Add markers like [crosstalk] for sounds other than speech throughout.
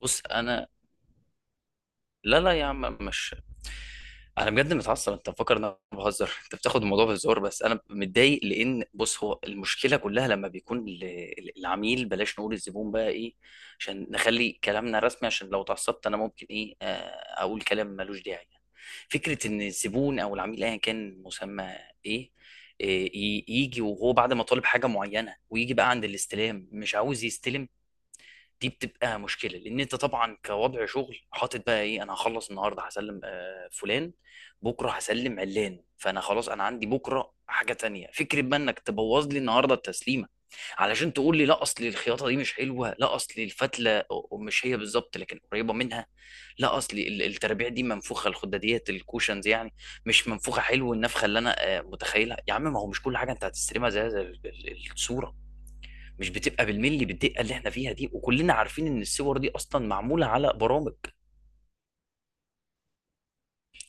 بص انا. لا يا عم، مش انا بجد متعصب. انت مفكر ان انا بهزر، انت بتاخد الموضوع بهزار، بس انا متضايق لان بص، هو المشكله كلها لما بيكون العميل بلاش نقول الزبون بقى ايه، عشان نخلي كلامنا رسمي، عشان لو اتعصبت انا ممكن ايه، اقول كلام ملوش داعي يعني. فكره ان الزبون او العميل ايا كان مسمى ايه، يجي وهو بعد ما طالب حاجه معينه ويجي بقى عند الاستلام مش عاوز يستلم. دي بتبقى مشكله لان انت طبعا كوضع شغل حاطط بقى ايه، انا هخلص النهارده هسلم فلان، بكره هسلم علان، فانا خلاص انا عندي بكره حاجه تانية. فكره بقى انك تبوظ لي النهارده التسليمه علشان تقول لي لا اصل الخياطه دي مش حلوه، لا اصل الفتله مش هي بالظبط لكن قريبه منها، لا اصل الترابيع دي منفوخه، الخداديات الكوشنز يعني مش منفوخه، حلو النفخه اللي انا متخيلها. يا عم، ما هو مش كل حاجه انت هتستلمها زي زي الصوره مش بتبقى بالملي بالدقه اللي احنا فيها دي، وكلنا عارفين ان الصور دي اصلا معموله على برامج.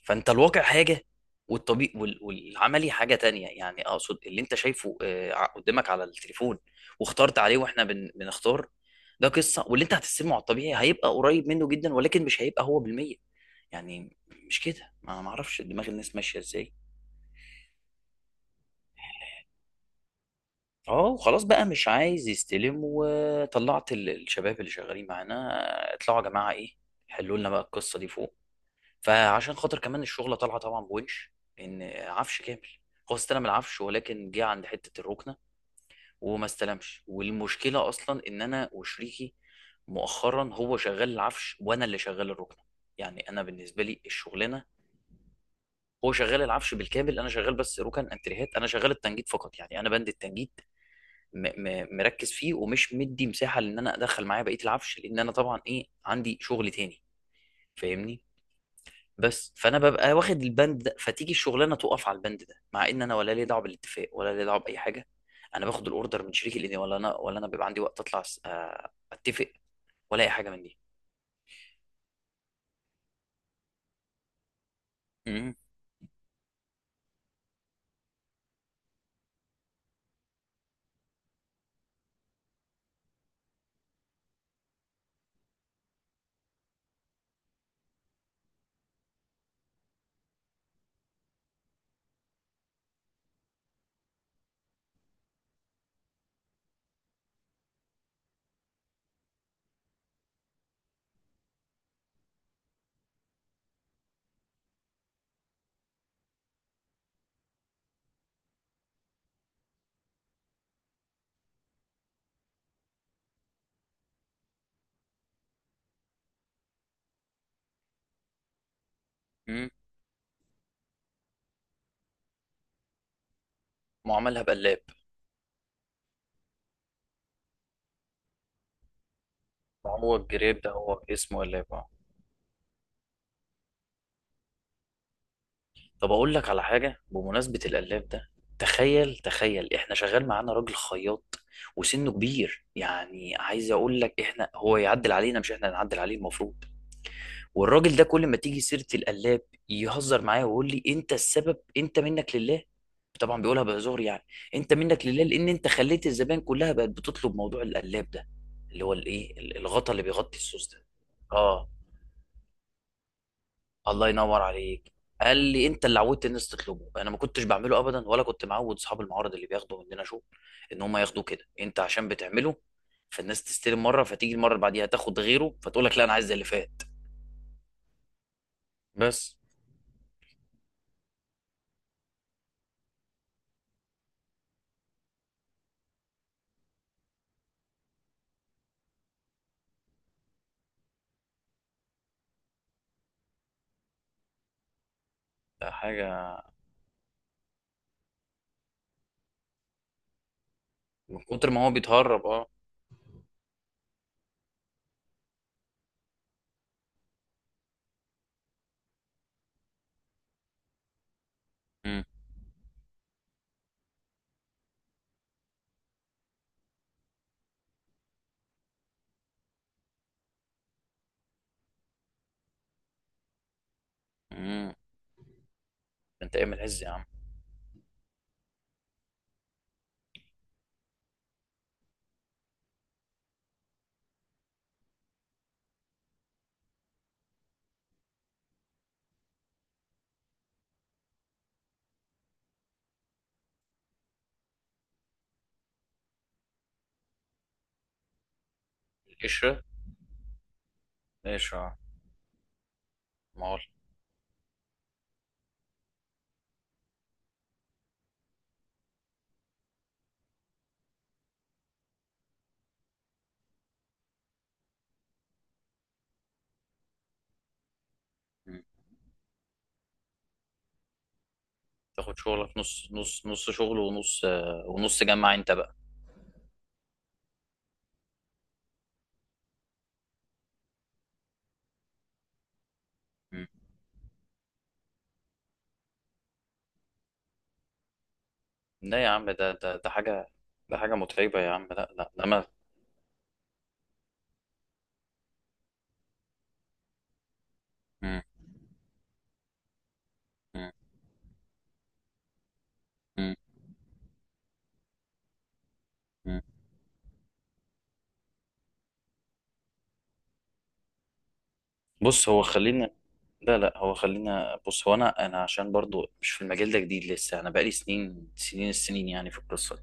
فانت الواقع حاجه، والطبيعي والعملي حاجه تانية، يعني اقصد اللي انت شايفه قدامك على التليفون واخترت عليه، واحنا بنختار، ده قصه، واللي انت هتستلمه على الطبيعي هيبقى قريب منه جدا ولكن مش هيبقى هو بالمية يعني. مش كده، ما اعرفش دماغ الناس ماشيه ازاي. اه، خلاص بقى مش عايز يستلم، وطلعت الشباب اللي شغالين معانا، اطلعوا يا جماعه ايه، حلوا لنا بقى القصه دي فوق. فعشان خاطر كمان الشغلة طالعة طبعا بونش، ان عفش كامل، هو استلم العفش ولكن جه عند حتة الركنة وما استلمش. والمشكلة اصلا ان انا وشريكي مؤخرا هو شغال العفش وانا اللي شغال الركنة، يعني انا بالنسبة لي الشغلانة، هو شغال العفش بالكامل، انا شغال بس ركن انتريهات، انا شغال التنجيد فقط، يعني انا بند التنجيد م م مركز فيه ومش مدي مساحة لان انا ادخل معايا بقية العفش، لان انا طبعا ايه عندي شغل تاني، فاهمني. بس فانا ببقى واخد البند ده، فتيجي الشغلانه تقف على البند ده مع ان انا ولا لي دعوه بالاتفاق ولا لي دعوه باي حاجه، انا باخد الاوردر من شريك الاني، ولا انا، ولا انا بيبقى عندي وقت اطلع اتفق ولا اي حاجه من دي. امم امم معاملها بقلاب. ما هو الجريب ده هو اسمه قلاب، اه. طب اقول لك على حاجه بمناسبه القلاب ده، تخيل تخيل، احنا شغال معانا راجل خياط وسنه كبير، يعني عايز اقول لك احنا هو يعدل علينا مش احنا اللي نعدل عليه المفروض. والراجل ده كل ما تيجي سيره القلاب يهزر معايا ويقول لي انت السبب، انت منك لله، طبعا بيقولها بهزار يعني. انت منك لله لان انت خليت الزبائن كلها بقت بتطلب موضوع القلاب ده، اللي هو الايه، الغطا اللي بيغطي السوس ده. اه، الله ينور عليك. قال لي انت اللي عودت الناس تطلبه، انا ما كنتش بعمله ابدا، ولا كنت معود اصحاب المعارض اللي بياخدوا مننا شغل ان هم ياخدوه كده، انت عشان بتعمله فالناس تستلم مره فتيجي المره اللي بعديها تاخد غيره فتقول لك لا، انا عايز زي اللي فات. بس. ده حاجه من كتر ما هو بيتهرب، اه. مم. مم. انت ايمن عز يا عم. القشره، القشره، آه. مال. مم. تاخد شغلك نص نص نص شغل ونص، ونص جمع انت بقى. مم. لا يا عم، ده حاجه، ده حاجه متعبه يا عم، لا لا لا ما. مم. مم. مم. مم. بص هو خلينا، لا لا هو خلينا، بص هو انا عشان برضو مش في المجال ده جديد لسه، انا بقالي سنين سنين السنين يعني في القصه دي،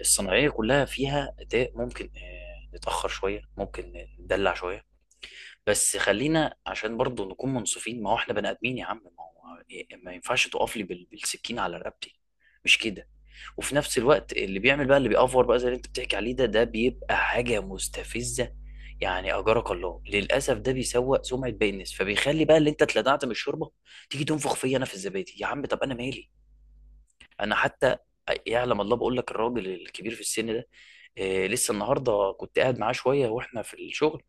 الصناعيه كلها فيها ده. ممكن نتاخر شويه، ممكن ندلع شويه، بس خلينا عشان برضو نكون منصفين، ما هو احنا بني ادمين يا عم، ما هو إيه، إيه، ما ينفعش تقف لي بالسكين على رقبتي، مش كده. وفي نفس الوقت اللي بيعمل بقى اللي بيأفور بقى زي اللي انت بتحكي عليه ده ده بيبقى حاجة مستفزة يعني، اجرك الله. للاسف ده بيسوء سمعة باقي الناس، فبيخلي بقى اللي انت اتلدعت من الشوربة تيجي تنفخ فيا انا في الزبادي. يا عم طب انا مالي؟ انا حتى، يعلم الله، بقول لك الراجل الكبير في السن ده لسه النهارده كنت قاعد معاه شويه واحنا في الشغل،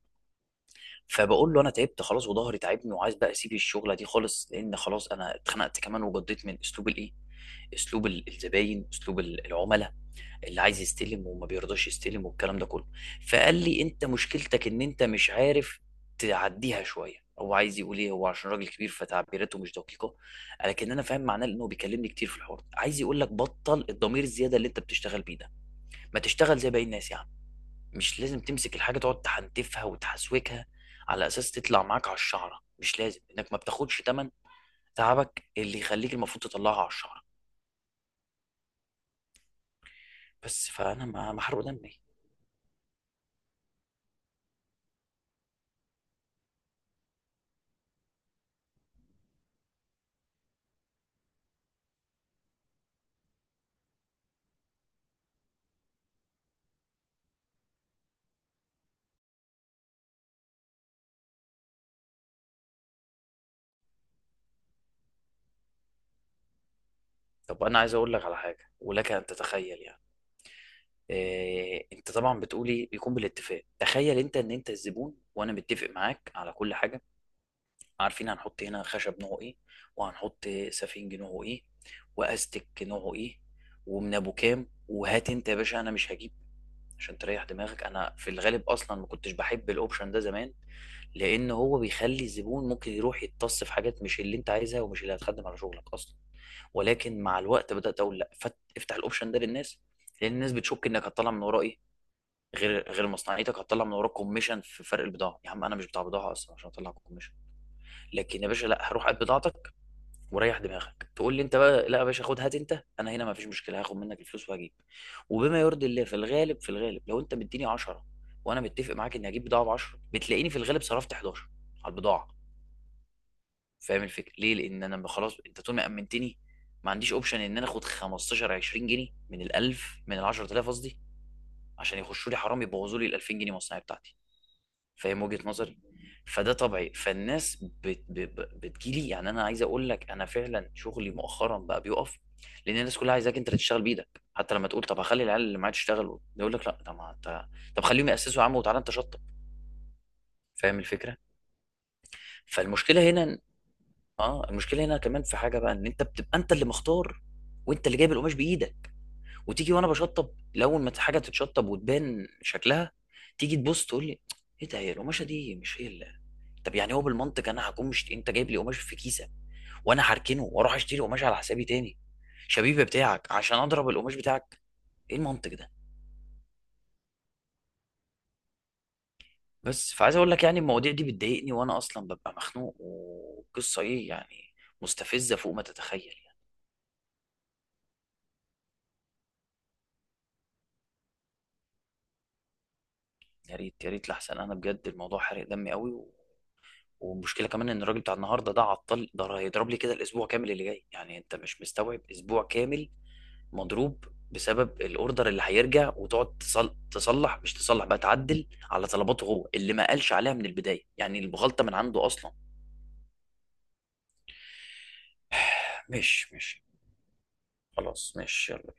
فبقول له انا تعبت خلاص وظهري تعبني وعايز بقى اسيب الشغله دي خالص، لان خلاص انا اتخنقت كمان وجضيت من اسلوب الايه، اسلوب الزباين، اسلوب العملاء اللي عايز يستلم وما بيرضاش يستلم والكلام ده كله. فقال لي انت مشكلتك ان انت مش عارف تعديها شويه. هو عايز يقول ايه، هو عشان راجل كبير فتعبيراته مش دقيقه، لكن انا فاهم معناه لانه بيكلمني كتير في الحوار ده. عايز يقول لك بطل الضمير الزياده اللي انت بتشتغل بيه ده، ما تشتغل زي باقي الناس يا عم. مش لازم تمسك الحاجة تقعد تحنتفها وتحسوكها على أساس تطلع معاك على الشعرة، مش لازم إنك ما بتاخدش تمن تعبك اللي يخليك المفروض تطلعها على الشعرة. بس فأنا ما محروق دمي. طب أنا عايز أقول لك على حاجة ولك أن تتخيل يعني، إيه أنت طبعا بتقولي بيكون بالاتفاق، تخيل أنت إن أنت الزبون وأنا متفق معاك على كل حاجة، عارفين هنحط هنا خشب نوعه إيه، وهنحط سفنج نوعه إيه، وأستك نوعه إيه، ومن أبو كام، وهات أنت يا باشا أنا مش هجيب، عشان تريح دماغك. انا في الغالب اصلا ما كنتش بحب الاوبشن ده زمان، لان هو بيخلي الزبون ممكن يروح يتص في حاجات مش اللي انت عايزها ومش اللي هتخدم على شغلك اصلا، ولكن مع الوقت بدات اقول لا، افتح الاوبشن ده للناس، لان الناس بتشك انك هتطلع من وراه ايه، غير مصنعيتك هتطلع من وراك كوميشن في فرق البضاعه. يا عم انا مش بتاع بضاعه اصلا عشان اطلع كوميشن، لكن يا باشا لا، هروح قد بضاعتك وريح دماغك. تقول لي انت بقى لا يا باشا، خد، هات انت، انا هنا ما فيش مشكله، هاخد منك الفلوس وهجيب، وبما يرضي الله. في الغالب في الغالب لو انت مديني 10 وانا متفق معاك اني هجيب بضاعه ب 10 بتلاقيني في الغالب صرفت 11 على البضاعه. فاهم الفكره ليه؟ لان انا خلاص، انت طول ما امنتني ما عنديش اوبشن ان انا اخد 15 20 جنيه من ال 1000، من ال 10000 قصدي، عشان يخشوا لي حرام يبوظوا لي ال 2000 جنيه مصنعي بتاعتي. فاهم وجهة نظري. فده طبيعي، فالناس بتجيلي، يعني انا عايز اقول لك انا فعلا شغلي مؤخرا بقى بيقف لان الناس كلها عايزاك انت اللي تشتغل بايدك، حتى لما تقول طب هخلي العيال اللي معايا تشتغل يقول لك لا، طب ما انت، طب خليهم ياسسوا يا عم وتعالى انت شطب. فاهم الفكره. فالمشكله هنا إن- اه، المشكله هنا كمان في حاجه بقى، ان انت بتبقى انت اللي مختار وانت اللي جايب القماش بايدك، وتيجي وانا بشطب، الاول ما حاجه تتشطب وتبان شكلها تيجي تبص تقول لي ايه ده، هي القماشه دي مش هي اللي. طب يعني هو بالمنطق انا هكون، مش انت جايب لي قماش في كيسه وانا هركنه واروح اشتري قماش على حسابي تاني شبيبه بتاعك عشان اضرب القماش بتاعك، ايه المنطق ده؟ بس، فعايز اقول لك يعني المواضيع دي بتضايقني وانا اصلا ببقى مخنوق وقصه ايه يعني، مستفزه فوق ما تتخيل يعني. يا ريت، يا ريت، لحسن انا بجد الموضوع حرق دمي قوي و... والمشكله كمان ان الراجل بتاع النهارده ده عطل، ده هيضرب لي كده الاسبوع كامل اللي جاي، يعني انت مش مستوعب اسبوع كامل مضروب بسبب الاوردر اللي هيرجع، وتقعد تصلح، مش تصلح بقى تعدل على طلباته هو اللي ما قالش عليها من البدايه، يعني الغلطه من عنده اصلا. [sighs] مش خلاص، مش يلا.